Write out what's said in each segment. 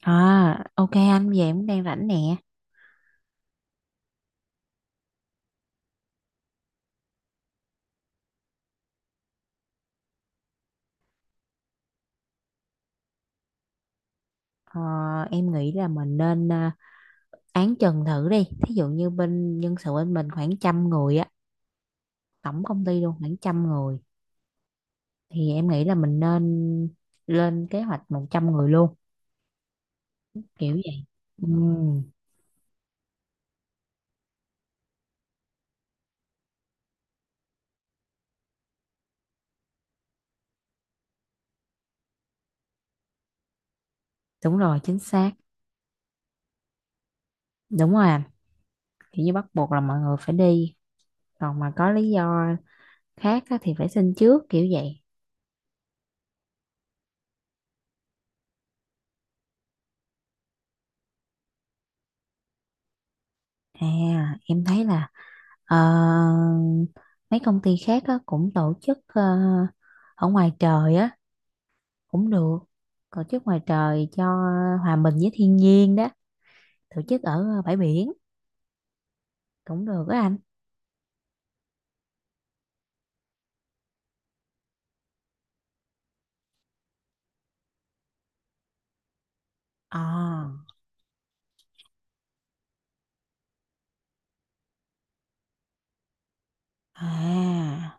À, ok anh, vậy em cũng đang rảnh nè. Ờ, em nghĩ là mình nên án trần thử đi. Thí dụ như bên nhân sự bên mình khoảng trăm người á, tổng công ty luôn khoảng trăm người. Thì em nghĩ là mình nên lên kế hoạch 100 người luôn, kiểu vậy. Ừ, đúng rồi, chính xác. Đúng rồi anh, kiểu như bắt buộc là mọi người phải đi. Còn mà có lý do khác á, thì phải xin trước, kiểu vậy. À, em thấy là Ờ, mấy công ty khác á, cũng tổ chức ở ngoài trời á, cũng được, tổ chức ngoài trời cho hòa mình với thiên nhiên đó, tổ chức ở bãi biển cũng được á anh. À, à,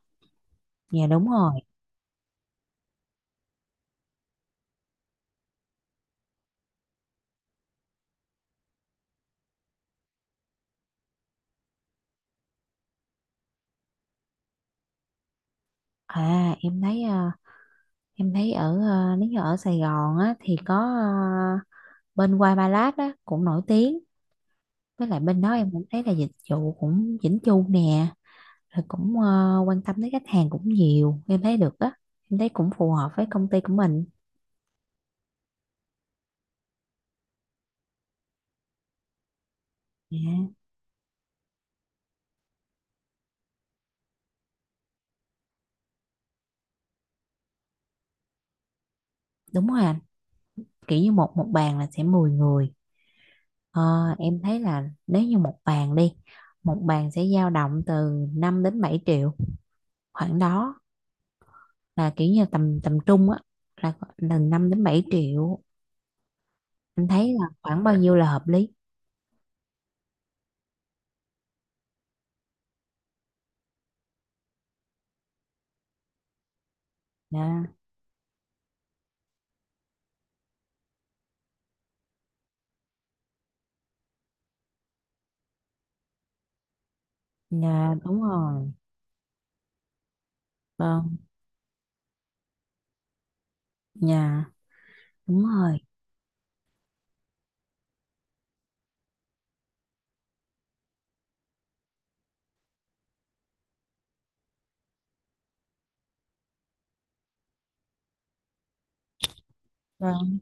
dạ đúng rồi. Em thấy nếu như ở Sài Gòn á thì có bên white Ba á cũng nổi tiếng, với lại bên đó em cũng thấy là dịch vụ cũng chỉnh chu nè, rồi cũng quan tâm tới khách hàng cũng nhiều, em thấy được á, em thấy cũng phù hợp với công ty của mình. Dạ, đúng rồi anh, kiểu như một một bàn là sẽ 10 người. Ờ, em thấy là nếu như một bàn sẽ dao động từ 5 đến 7 triệu, khoảng đó. Là kiểu như tầm tầm trung á, là 5 đến 7 triệu, anh thấy là khoảng bao dạ nhiêu là hợp lý. Dạ. Dạ, đúng rồi. Vâng. Dạ, đúng rồi. Vâng.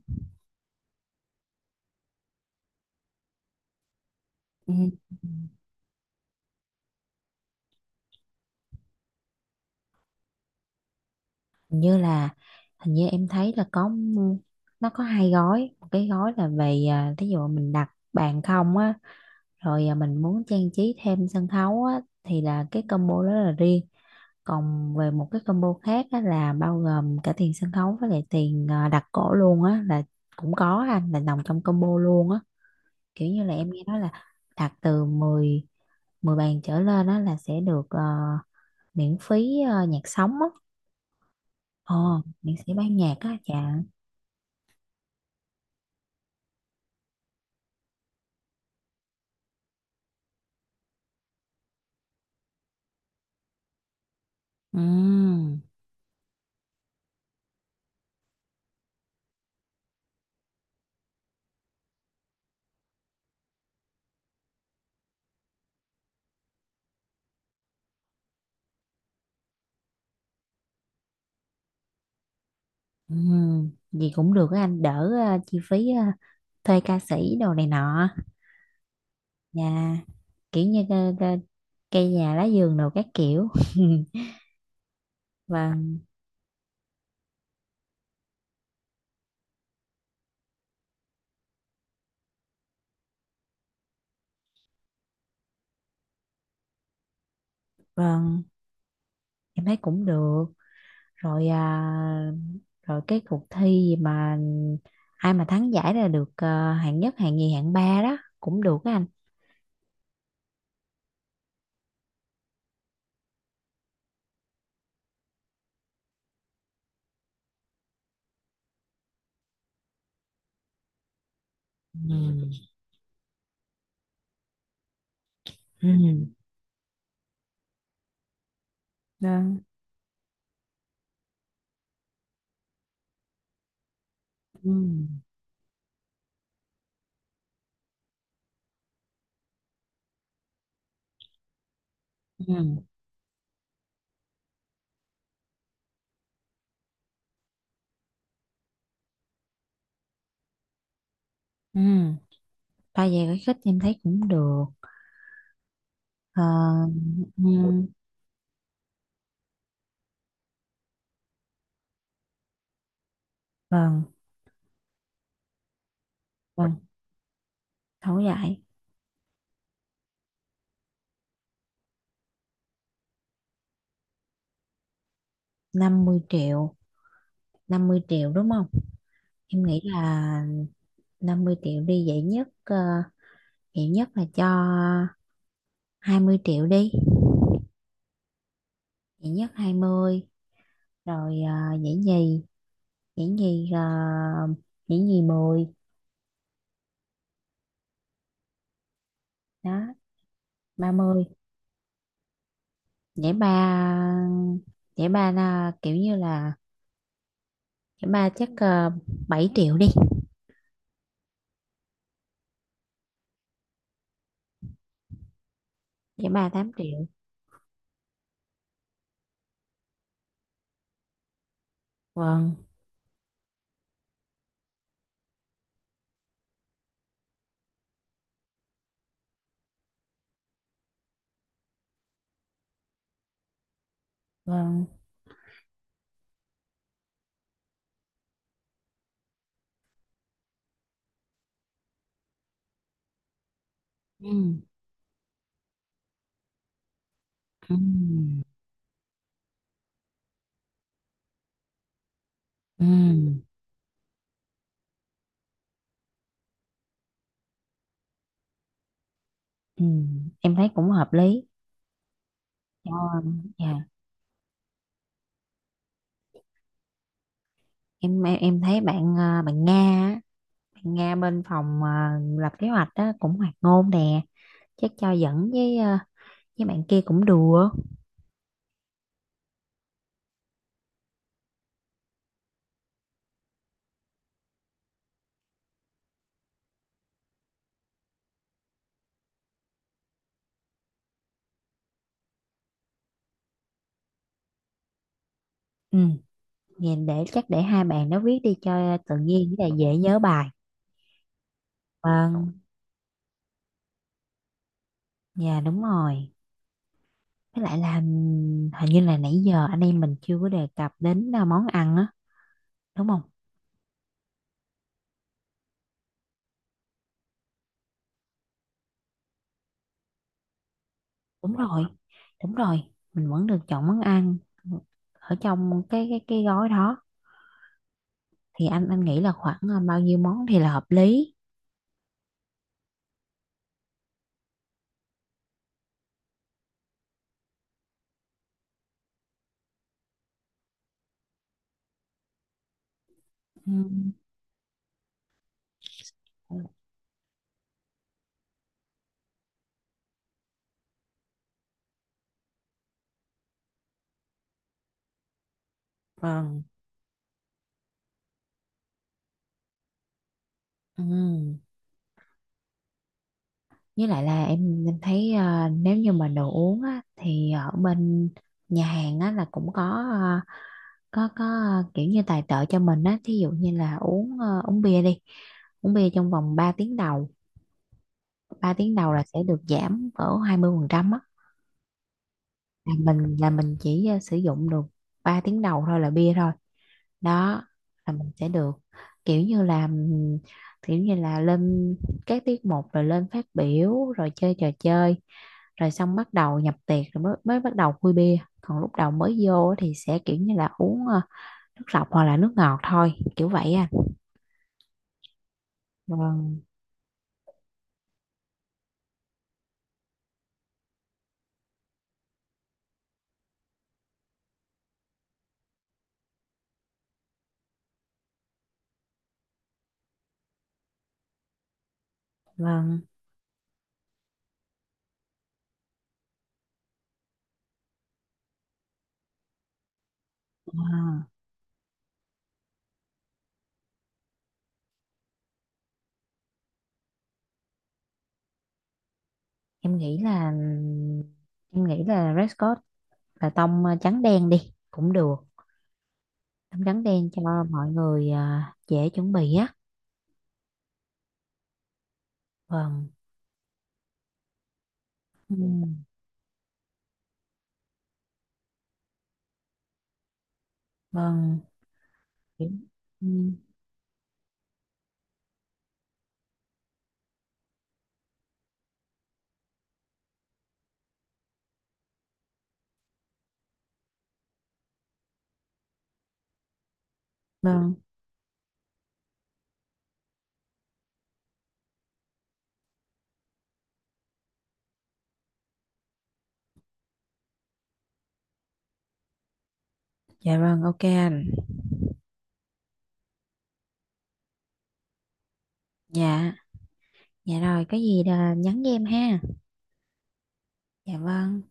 Ừ. Hình như là hình như em thấy là có nó có hai gói. Một cái gói là về, thí dụ mình đặt bàn không á, rồi mình muốn trang trí thêm sân khấu á, thì là cái combo đó là riêng. Còn về một cái combo khác á, là bao gồm cả tiền sân khấu với lại tiền, đặt cỗ luôn á, là cũng có anh, là nằm trong combo luôn á. Kiểu như là em nghe nói là đặt từ 10 10 bàn trở lên á là sẽ được miễn phí nhạc sống á. Ồ, nhạc sĩ ban nhạc á chà. Ừ. Ừ. Gì cũng được á anh, đỡ chi phí thuê ca sĩ đồ này nọ. Nhà, kiểu như cây nhà lá vườn đồ các kiểu. Vâng, vâng, em thấy cũng được. Rồi à, rồi cái cuộc thi gì mà ai mà thắng giải là được hạng nhất, hạng nhì, hạng ba đó cũng được á anh. Ừ. Ừ. Vâng. Ừ. Ừ. Ừ. Ba về cái khích em thấy cũng được. Ờ, ừ, vâng, vâng, thấu giải. 50 triệu, 50 triệu đúng không? Em nghĩ là 50 triệu đi. Dễ nhất dễ nhất là cho 20 triệu đi. Dễ nhất 20. Rồi dễ nhì ờ, dễ nhì 10. Đó. 30. Dễ ba dễ ba là kiểu như là dễ ba, chắc 7 triệu đi. Dễ ba 8 triệu. Vâng. Vâng. Ừ. Ừ. Ừ. Ừ, em thấy cũng hợp lý. Ờ, dạ. Em thấy bạn Nga á, bạn Nga bên phòng lập kế hoạch đó cũng hoạt ngôn nè, chắc cho dẫn với bạn kia cũng đùa. Ừ, nhìn để chắc, để hai bạn nó viết đi cho tự nhiên, với lại dễ nhớ bài. Vâng, dạ đúng rồi. Với lại là hình như là nãy giờ anh em mình chưa có đề cập đến món ăn á, đúng không? Đúng rồi. Đúng rồi, mình vẫn được chọn món ăn ở trong cái gói đó. Thì anh nghĩ là khoảng bao nhiêu món thì là hợp lý. Ừ. Vâng. Ừ. Với lại là em thấy nếu như mà đồ uống á, thì ở bên nhà hàng á, là cũng ờ, có ờ, kiểu như tài trợ cho mình á, thí dụ như là uống bia đi. Uống bia trong vòng 3 tiếng đầu, 3 tiếng đầu là sẽ được giảm cỡ 20% á. Là mình chỉ sử dụng được 3 tiếng đầu thôi, là bia thôi. Đó, là mình sẽ được kiểu như là kiểu như là lên các tiết mục, rồi lên phát biểu, rồi chơi trò chơi, rồi xong bắt đầu nhập tiệc rồi mới bắt đầu khui bia, còn lúc đầu mới vô á thì sẽ kiểu như là uống nước lọc hoặc là nước ngọt thôi, kiểu vậy à. Vâng. Vâng. à, em nghĩ là em nghĩ là Red Scott là tông trắng đen đi cũng được. Tắm trắng đen cho mọi người, dễ chuẩn bị á. Vâng. Ừ, vâng. Ừ, vâng. Dạ vâng, ok anh. Dạ. Dạ rồi, có gì là nhắn với em ha. Dạ vâng.